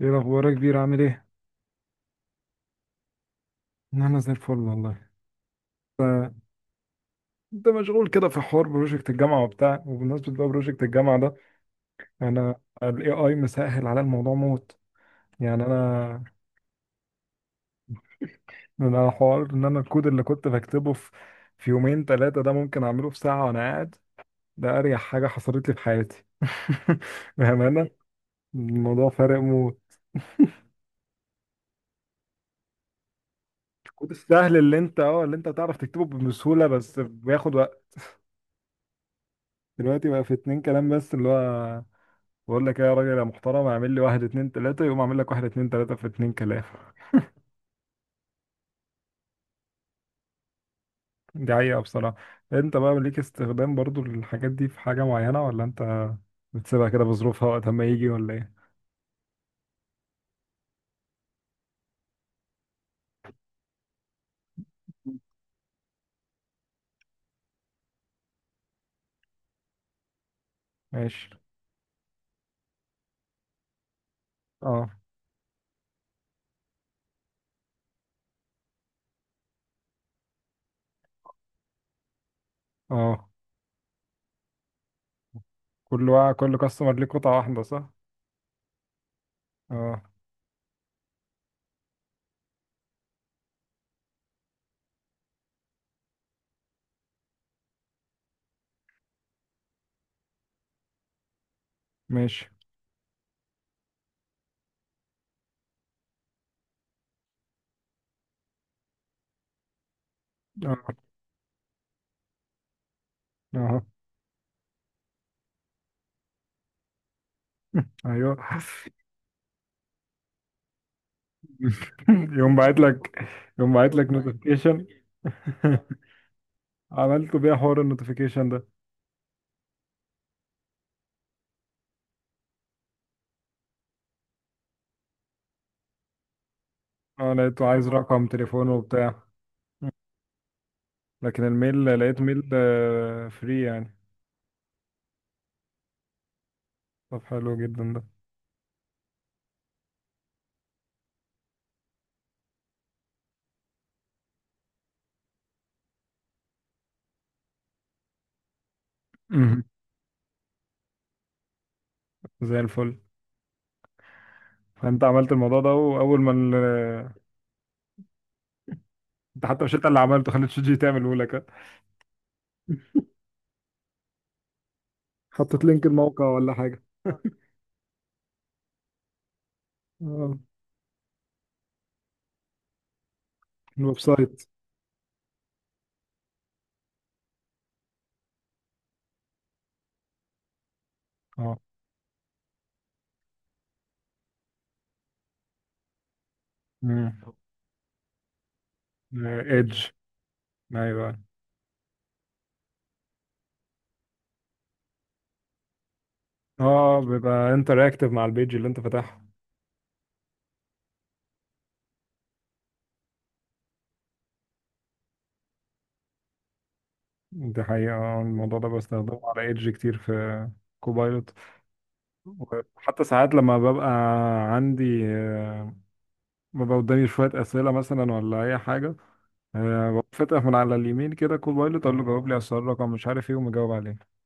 ايه الاخبار يا كبير، عامل ايه؟ انا زي الفل والله. انت مشغول كده في حوار بروجكت الجامعه وبتاع، وبمناسبه بقى بروجكت الجامعه ده، انا الاي اي مسهل على الموضوع موت. يعني انا حوار ان انا الكود اللي كنت بكتبه في يومين ثلاثه ده ممكن اعمله في ساعه وانا قاعد. ده اريح حاجه حصلت لي في حياتي بامانه، الموضوع فارق موت. الكود السهل اللي انت اه اللي انت تعرف تكتبه بسهوله بس بياخد وقت. دلوقتي بقى في اتنين كلام بس، اللي هو بقول لك إيه يا راجل يا محترم، اعمل لي واحد اتنين تلاتة، يقوم اعمل لك واحد اتنين تلاتة في اتنين كلام دي حقيقة بصراحة. انت بقى ليك استخدام برضو للحاجات دي في حاجة معينة، ولا انت بتسيبها كده بظروفها وقت ما يجي، ولا ايه؟ ماشي. اه. اه، كل واحد، كل كاستمر ليه قطعة واحدة، صح؟ اه. ماشي. اه. اه. ايوه. يقوم باعت لك، يقوم باعت لك نوتيفيكيشن. عملت بيها حوار النوتيفيكيشن ده. اه، لقيته عايز رقم تليفونه وبتاع. لكن الميل لقيت ميل فري يعني. طب حلو جدا ده. مهم. زي الفل. فانت عملت الموضوع ده، واول ما ال... انت حتى مش انت اللي عملته، خليت شات جي تعمله لك. حطيت لينك الموقع ولا حاجة؟ آه. الويب سايت. اه. ايدج. ايوه. اه، بيبقى انتراكتيف مع البيج اللي انت فاتحها. دي حقيقة. آه، الموضوع ده بستخدمه على ايدج كتير، في كوبايلوت. وحتى ساعات لما ببقى عندي آه، ببقى قدامي شوية أسئلة مثلا ولا أي حاجة، أه بقوم فاتح من على اليمين كده كوبايلوت، أقول له جاوب لي على السؤال رقم مش عارف إيه، ومجاوب عليه.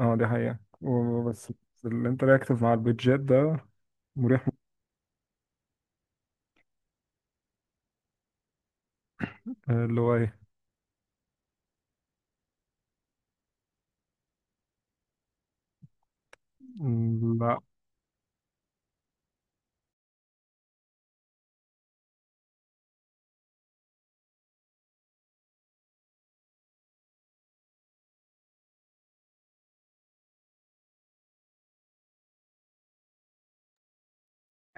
أه دي حقيقة وبس. اللي أنت رياكتيف مع البيتجات ده مريح. آه، اللي هو إيه؟ مم، لا.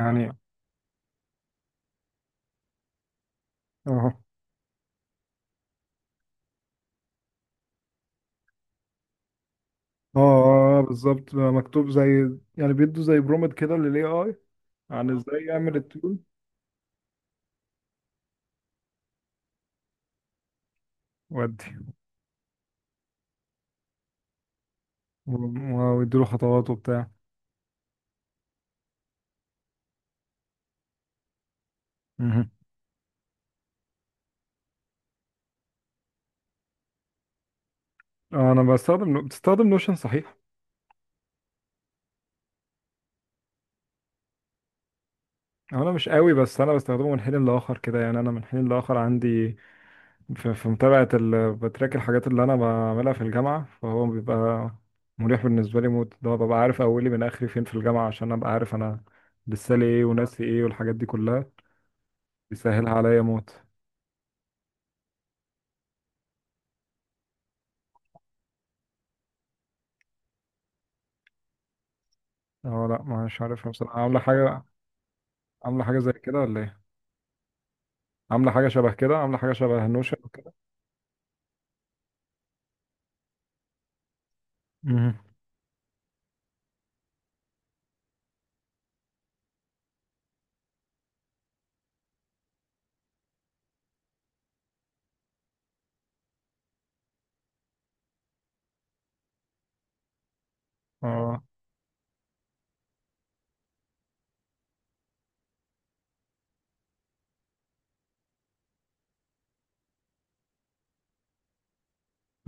يعني أهو. أه آه، بالظبط، بقى مكتوب زي، يعني بيدوا زي برومت كده لل AI عن إزاي يعمل التول. ودي ويديله خطوات وبتاع. مهم. أه أنا بستخدم، بتستخدم نوشن صحيح؟ هو انا مش قوي، بس انا بستخدمه من حين لاخر كده، يعني انا من حين لاخر عندي في متابعه ال... بتراك الحاجات اللي انا بعملها في الجامعه، فهو بيبقى مريح بالنسبه لي موت. ده ببقى عارف اولي من اخري فين في الجامعه، عشان ابقى عارف انا لسه لي ايه وناسي ايه والحاجات دي كلها، بيسهلها عليا موت. اه، لا مش عارفها بصراحه. عامله حاجه؟ عامله حاجه زي كده ولا ايه؟ عامله حاجه شبه كده، عامله حاجه شبه نوشن وكده. مهم. اه.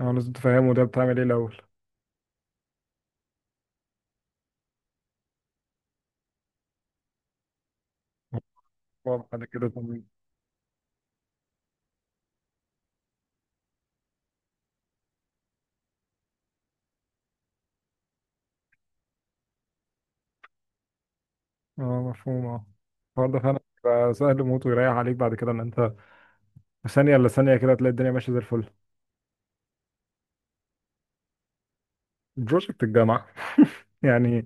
اه، لازم تفهمه ده بتعمل ايه الاول. وبعد كده اه مفهوم. اه. الحوار ده فعلا بيبقى سهل موت ويريح عليك بعد كده، ان انت في ثانيه الا ثانيه كده هتلاقي الدنيا ماشيه زي الفل. بروجكت الجامعه. يعني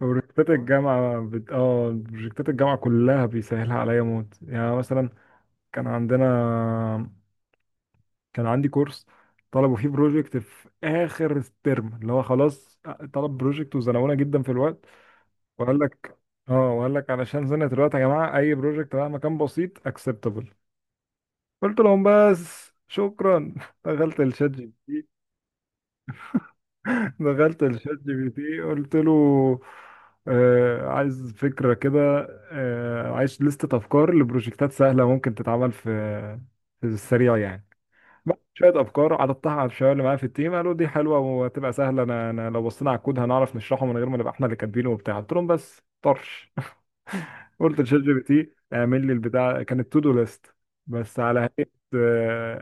بروجكتات الجامعه بت... اه بروجكتات الجامعه كلها بيسهلها عليا موت. يعني مثلا كان عندنا، كان عندي كورس طلبوا فيه بروجكت في اخر الترم، اللي هو خلاص طلب بروجكت وزنقونا جدا في الوقت، وقال لك، اه وقال لك علشان زنقت الوقت يا جماعه اي بروجكت مهما كان بسيط اكسبتبل. قلت لهم بس شكرا دخلت الشات جي بي تي، دخلت الشات جي بي تي قلت له، آه عايز فكرة كده، آه عايز لستة أفكار لبروجكتات سهلة ممكن تتعمل في السريع يعني. بقى شوية أفكار عرضتها على الشباب اللي معايا في التيم، قالوا دي حلوة وهتبقى سهلة، أنا لو بصينا على الكود هنعرف نشرحه من غير ما نبقى إحنا اللي كاتبينه وبتاع. قلت لهم بس طرش. قلت لشات جي بي تي اعمل لي البتاع، كانت تو دو ليست بس على هيئه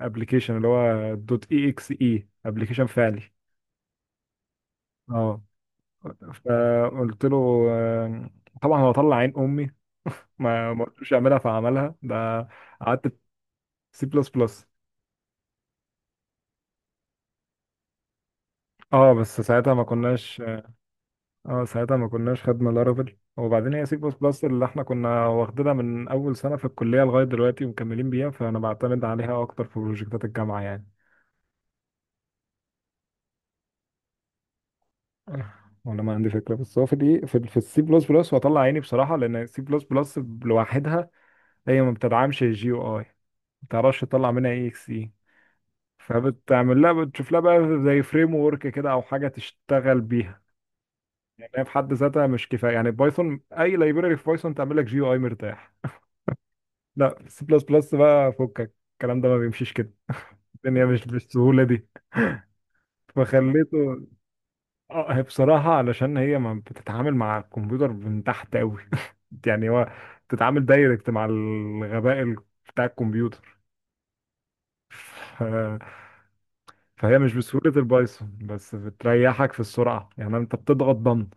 ابلكيشن، اللي هو دوت اي اكس اي ابلكيشن فعلي. اه فقلت له آه، طبعا هو طلع عين امي، ما قلتلوش اعملها فعملها ده. قعدت سي بلس بلس. اه بس ساعتها ما كناش، اه ساعتها ما كناش خدنا لارافيل. وبعدين هي سي بلس بلس اللي احنا كنا واخدينها من اول سنه في الكليه لغايه دلوقتي ومكملين بيها، فانا بعتمد عليها اكتر في بروجكتات الجامعه يعني. ولا ما عندي فكره، بس هو في الايه، في السي بلس بلس، وهطلع عيني بصراحه لان السي بلس بلس لوحدها هي ما بتدعمش الجي او اي، ما تعرفش تطلع منها اي اكس اي، فبتعمل لها، بتشوف لها بقى زي فريم ورك كده او حاجه تشتغل بيها. يعني هي في حد ذاتها مش كفايه، يعني بايثون، اي لايبراري في بايثون تعمل لك جي او اي مرتاح. لا السي بلس بلس بقى فكك الكلام ده، ما بيمشيش كده، الدنيا مش بالسهوله دي. فخليته. اه، هي بصراحة علشان هي ما بتتعامل مع الكمبيوتر من تحت قوي يعني هو بتتعامل دايركت مع الغباء بتاع الكمبيوتر. ف... فهي مش بسهولة البايثون، بس بتريحك في السرعة. يعني انت بتضغط ضم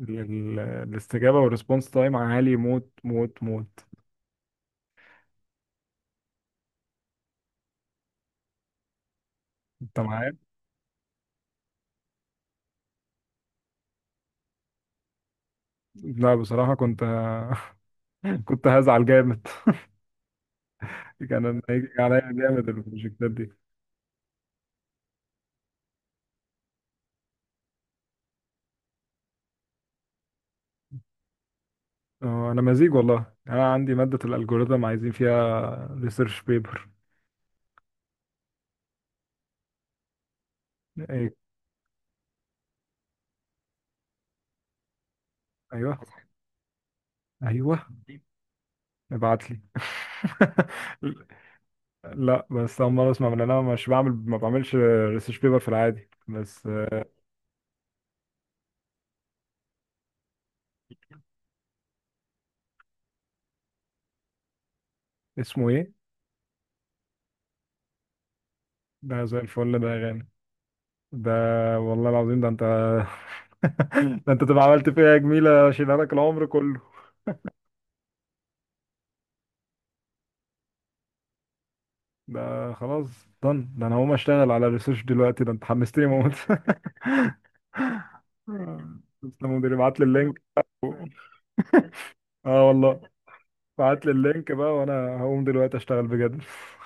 الاستجابة والريسبونس تايم عالي موت موت موت. انت معايا؟ لا بصراحة كنت كنت هزعل جامد كان أنا هيجي عليا جامد البروجكتات دي. اه انا مزيج والله، انا عندي مادة الالجوريثم عايزين فيها ريسيرش بيبر. أي- ايوه ايوه. ابعت لي لا بس اول مره اسمع، من انا مش بعمل ما بعملش ريسيرش بيبر في العادي، بس آه، اسمه ايه؟ ده زي الفل ده يا غالي. ده والله العظيم ده انت ده انت تبقى عملت فيها جميله اشيلها لك العمر كله. ده خلاص done. ده انا هقوم اشتغل على الريسيرش دلوقتي، ده انت حمستني موت تسلم يا مدير، ابعت لي اللينك. اه والله. ابعت لي اللينك بقى وانا هقوم دلوقتي اشتغل بجد.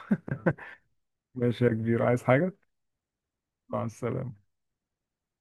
ماشي يا كبير، عايز حاجة؟ مع السلامة.